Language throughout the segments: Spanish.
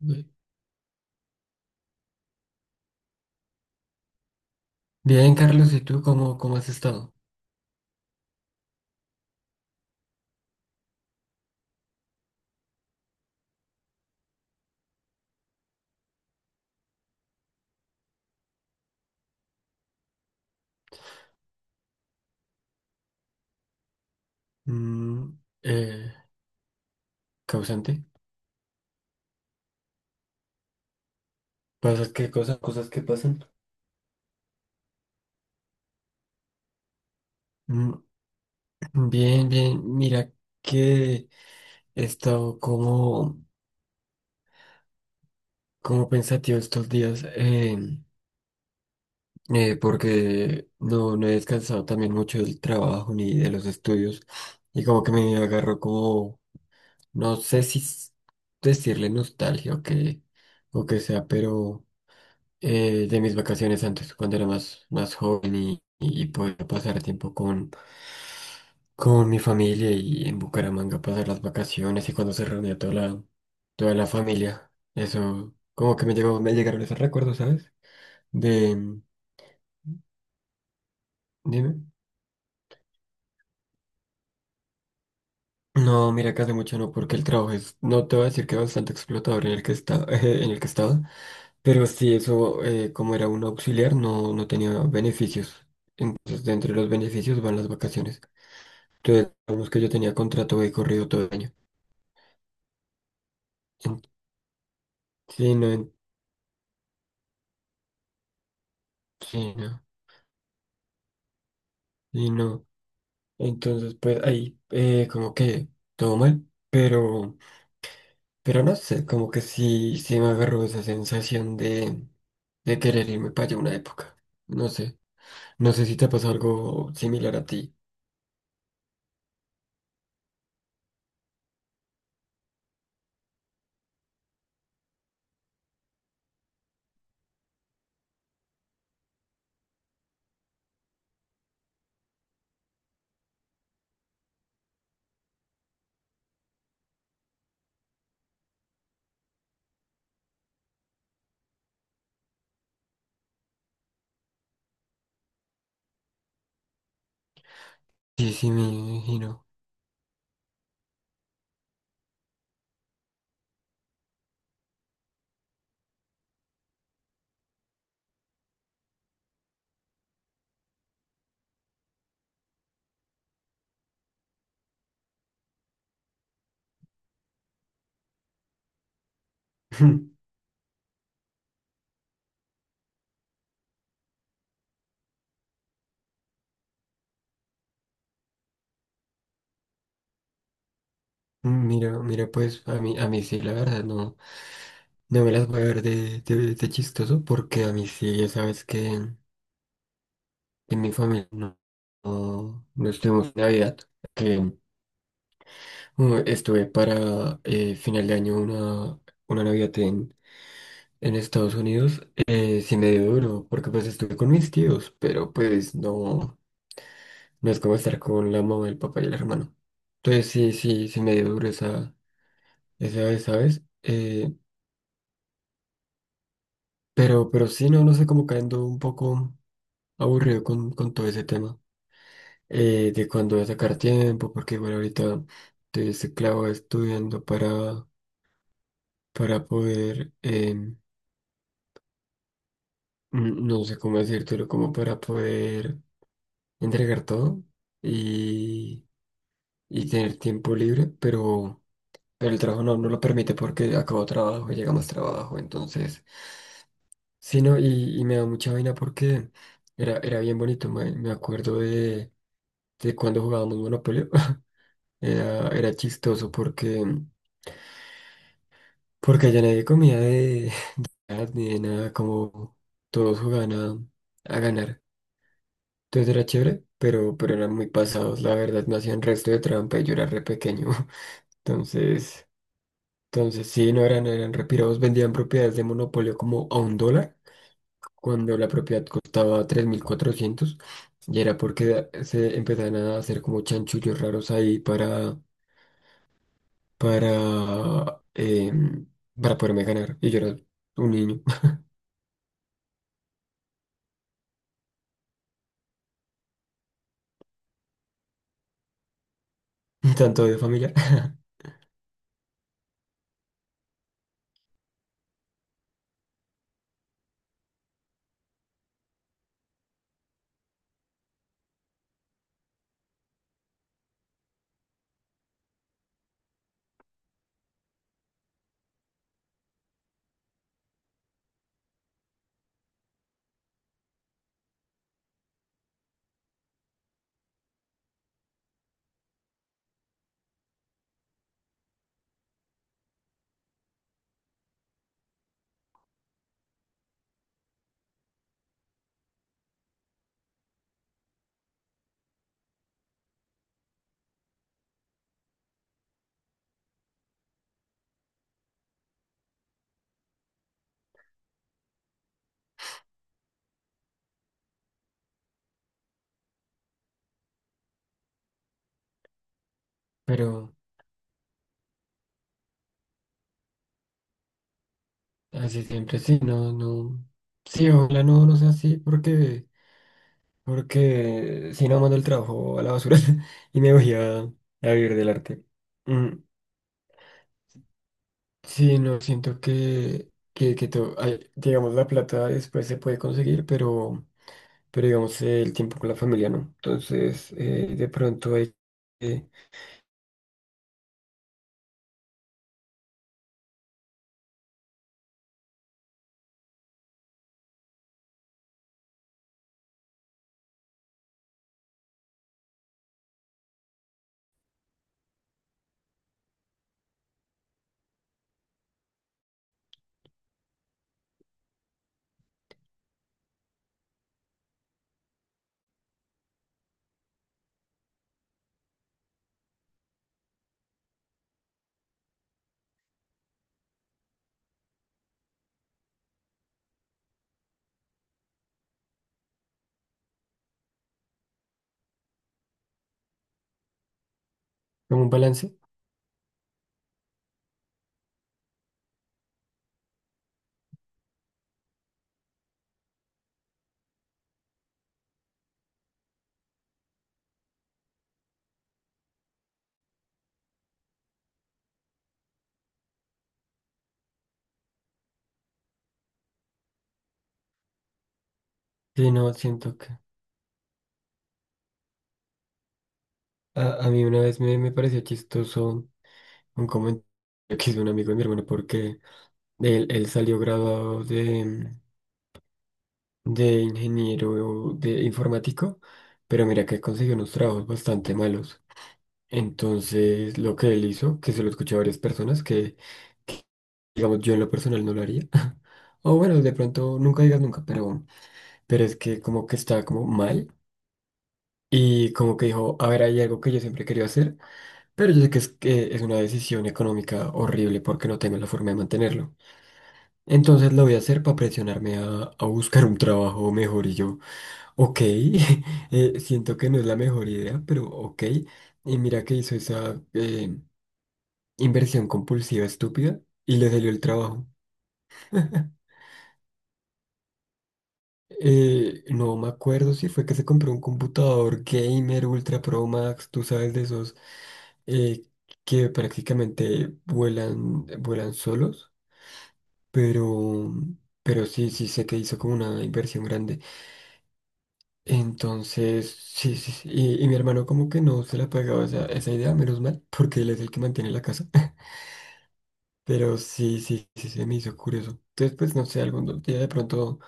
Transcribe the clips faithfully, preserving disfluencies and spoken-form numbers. Bien. Bien, Carlos, ¿y tú cómo, cómo has estado? Mm, eh, ¿causante? ¿Pasas qué cosas? ¿Cosas que pasan? Mm, Bien, bien. Mira que he estado como, como pensativo estos días, eh, eh, porque no, no he descansado también mucho del trabajo ni de los estudios, y como que me agarró como, no sé si s- decirle nostalgia o que, o que sea, pero, eh, de mis vacaciones antes, cuando era más, más joven, y, y podía pasar tiempo con, con mi familia y en Bucaramanga pasar las vacaciones, y cuando se reunía toda la, toda la familia. Eso, como que me llegó, me llegaron esos recuerdos, ¿sabes? De, dime. No, mira que hace mucho no, porque el trabajo es, no te voy a decir que bastante explotador en el que está, en el que estaba, pero sí eso, eh, como era un auxiliar, no, no tenía beneficios. Entonces, dentro de los beneficios van las vacaciones. Entonces, digamos que yo tenía contrato de corrido todo el año. En- sí, no. En- sí, no. Sí, no. Entonces, pues ahí, eh, como que todo mal, pero, pero, no sé, como que sí, sí me agarró esa sensación de, de querer irme para allá una época. No sé, no sé si te pasó algo similar a ti. Sí, sí, me imagino. Mira, mira, pues a mí, a mí sí, la verdad, no, no me las voy a ver de, de, de chistoso porque a mí sí, ya sabes que. En mi familia no, no, no estuvimos en Navidad. que, mm, Estuve para eh, final de año una, una Navidad en, en Estados Unidos. Eh, sí me dio duro porque pues estuve con mis tíos, pero pues no, no es como estar con la mamá, el papá y el hermano. Entonces sí, sí, sí me dio duro esa, esa vez, ¿sabes? Eh, pero, pero sí, no, no sé, como cayendo un poco aburrido con, con todo ese tema. eh, de cuándo voy a sacar tiempo, porque bueno, ahorita estoy este clavo estudiando para, para poder, em, n- no sé cómo decírtelo, como para poder entregar todo y, y tener tiempo libre, pero, pero, el trabajo no, no lo permite porque acabo trabajo y llega más trabajo, entonces, sí, no, y, y me da mucha vaina porque era, era bien bonito, me, me acuerdo de, de cuando jugábamos Monopoly. Era, era chistoso porque Porque allá nadie comía de ni de nada, como todos jugaban a, a ganar. Entonces era chévere, pero, pero eran muy pasados, la verdad, no hacían resto de trampa y yo era re pequeño. Entonces, entonces sí, no eran, no eran retirados, vendían propiedades de monopolio como a un dólar, cuando la propiedad costaba tres mil cuatrocientos y era porque se empezaban a hacer como chanchullos raros ahí para, para, em, para poderme ganar. Y yo era un niño. tanto de familia Pero así siempre sí, no, no. Sí, ojalá no, no sea así, porque, porque, si no mando el trabajo a la basura y me voy a, a vivir del arte. Mm, sí, no, siento que, que, que to- ay, digamos, la plata después se puede conseguir, pero, pero digamos, eh, el tiempo con la familia no. Entonces, eh, de pronto hay que, como un balance. Sí, no, siento que a, a mí una vez me, me pareció chistoso un comentario que hizo un amigo de mi hermano porque él, él salió graduado de, de ingeniero de informático, pero mira que consiguió unos trabajos bastante malos. Entonces, lo que él hizo, que se lo escuché a varias personas, que digamos yo en lo personal no lo haría. O bueno, de pronto nunca digas nunca, pero, bueno, pero es que como que está como mal. Y como que dijo, a ver, hay algo que yo siempre quería hacer, pero yo sé que es, que es una decisión económica horrible porque no tengo la forma de mantenerlo. Entonces lo voy a hacer para presionarme a, a buscar un trabajo mejor y yo, ok, eh, siento que no es la mejor idea, pero ok. Y mira que hizo esa eh, inversión compulsiva estúpida y le salió el trabajo. Eh, no me acuerdo si fue que se compró un computador gamer Ultra Pro Max, tú sabes de esos, eh, que prácticamente vuelan, vuelan solos, pero, pero, sí, sí sé que hizo como una inversión grande. Entonces, sí, sí, sí. Y, y mi hermano como que no se le ha pegado esa, esa idea, menos mal, porque él es el que mantiene la casa. Pero sí, sí, sí, se me hizo curioso. Entonces, pues no sé, algún día de pronto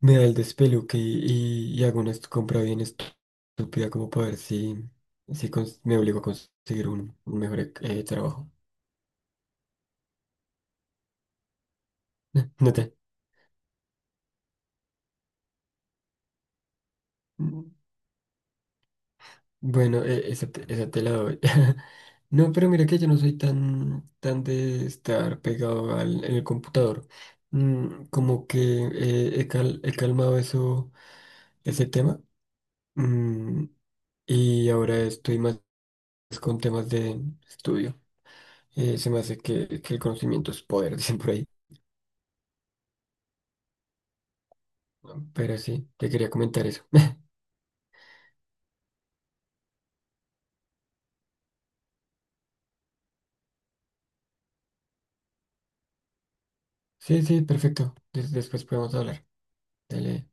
me da el despeluque y, y, y hago una est- compra bien estúpida como para ver si, si cons- me obligo a conseguir un, un mejor eh, trabajo. No te. Bueno, e- esa te, esa te la doy. No, pero mira que yo no soy tan, tan de estar pegado al, en el computador. Mm, como que eh, he, cal- he calmado eso, ese tema. Mm, y ahora estoy más con temas de estudio. Eh, se me hace que, que el conocimiento es poder, dicen por ahí. Pero sí, te quería comentar eso. Sí, sí, perfecto. Des- después podemos hablar. Dale.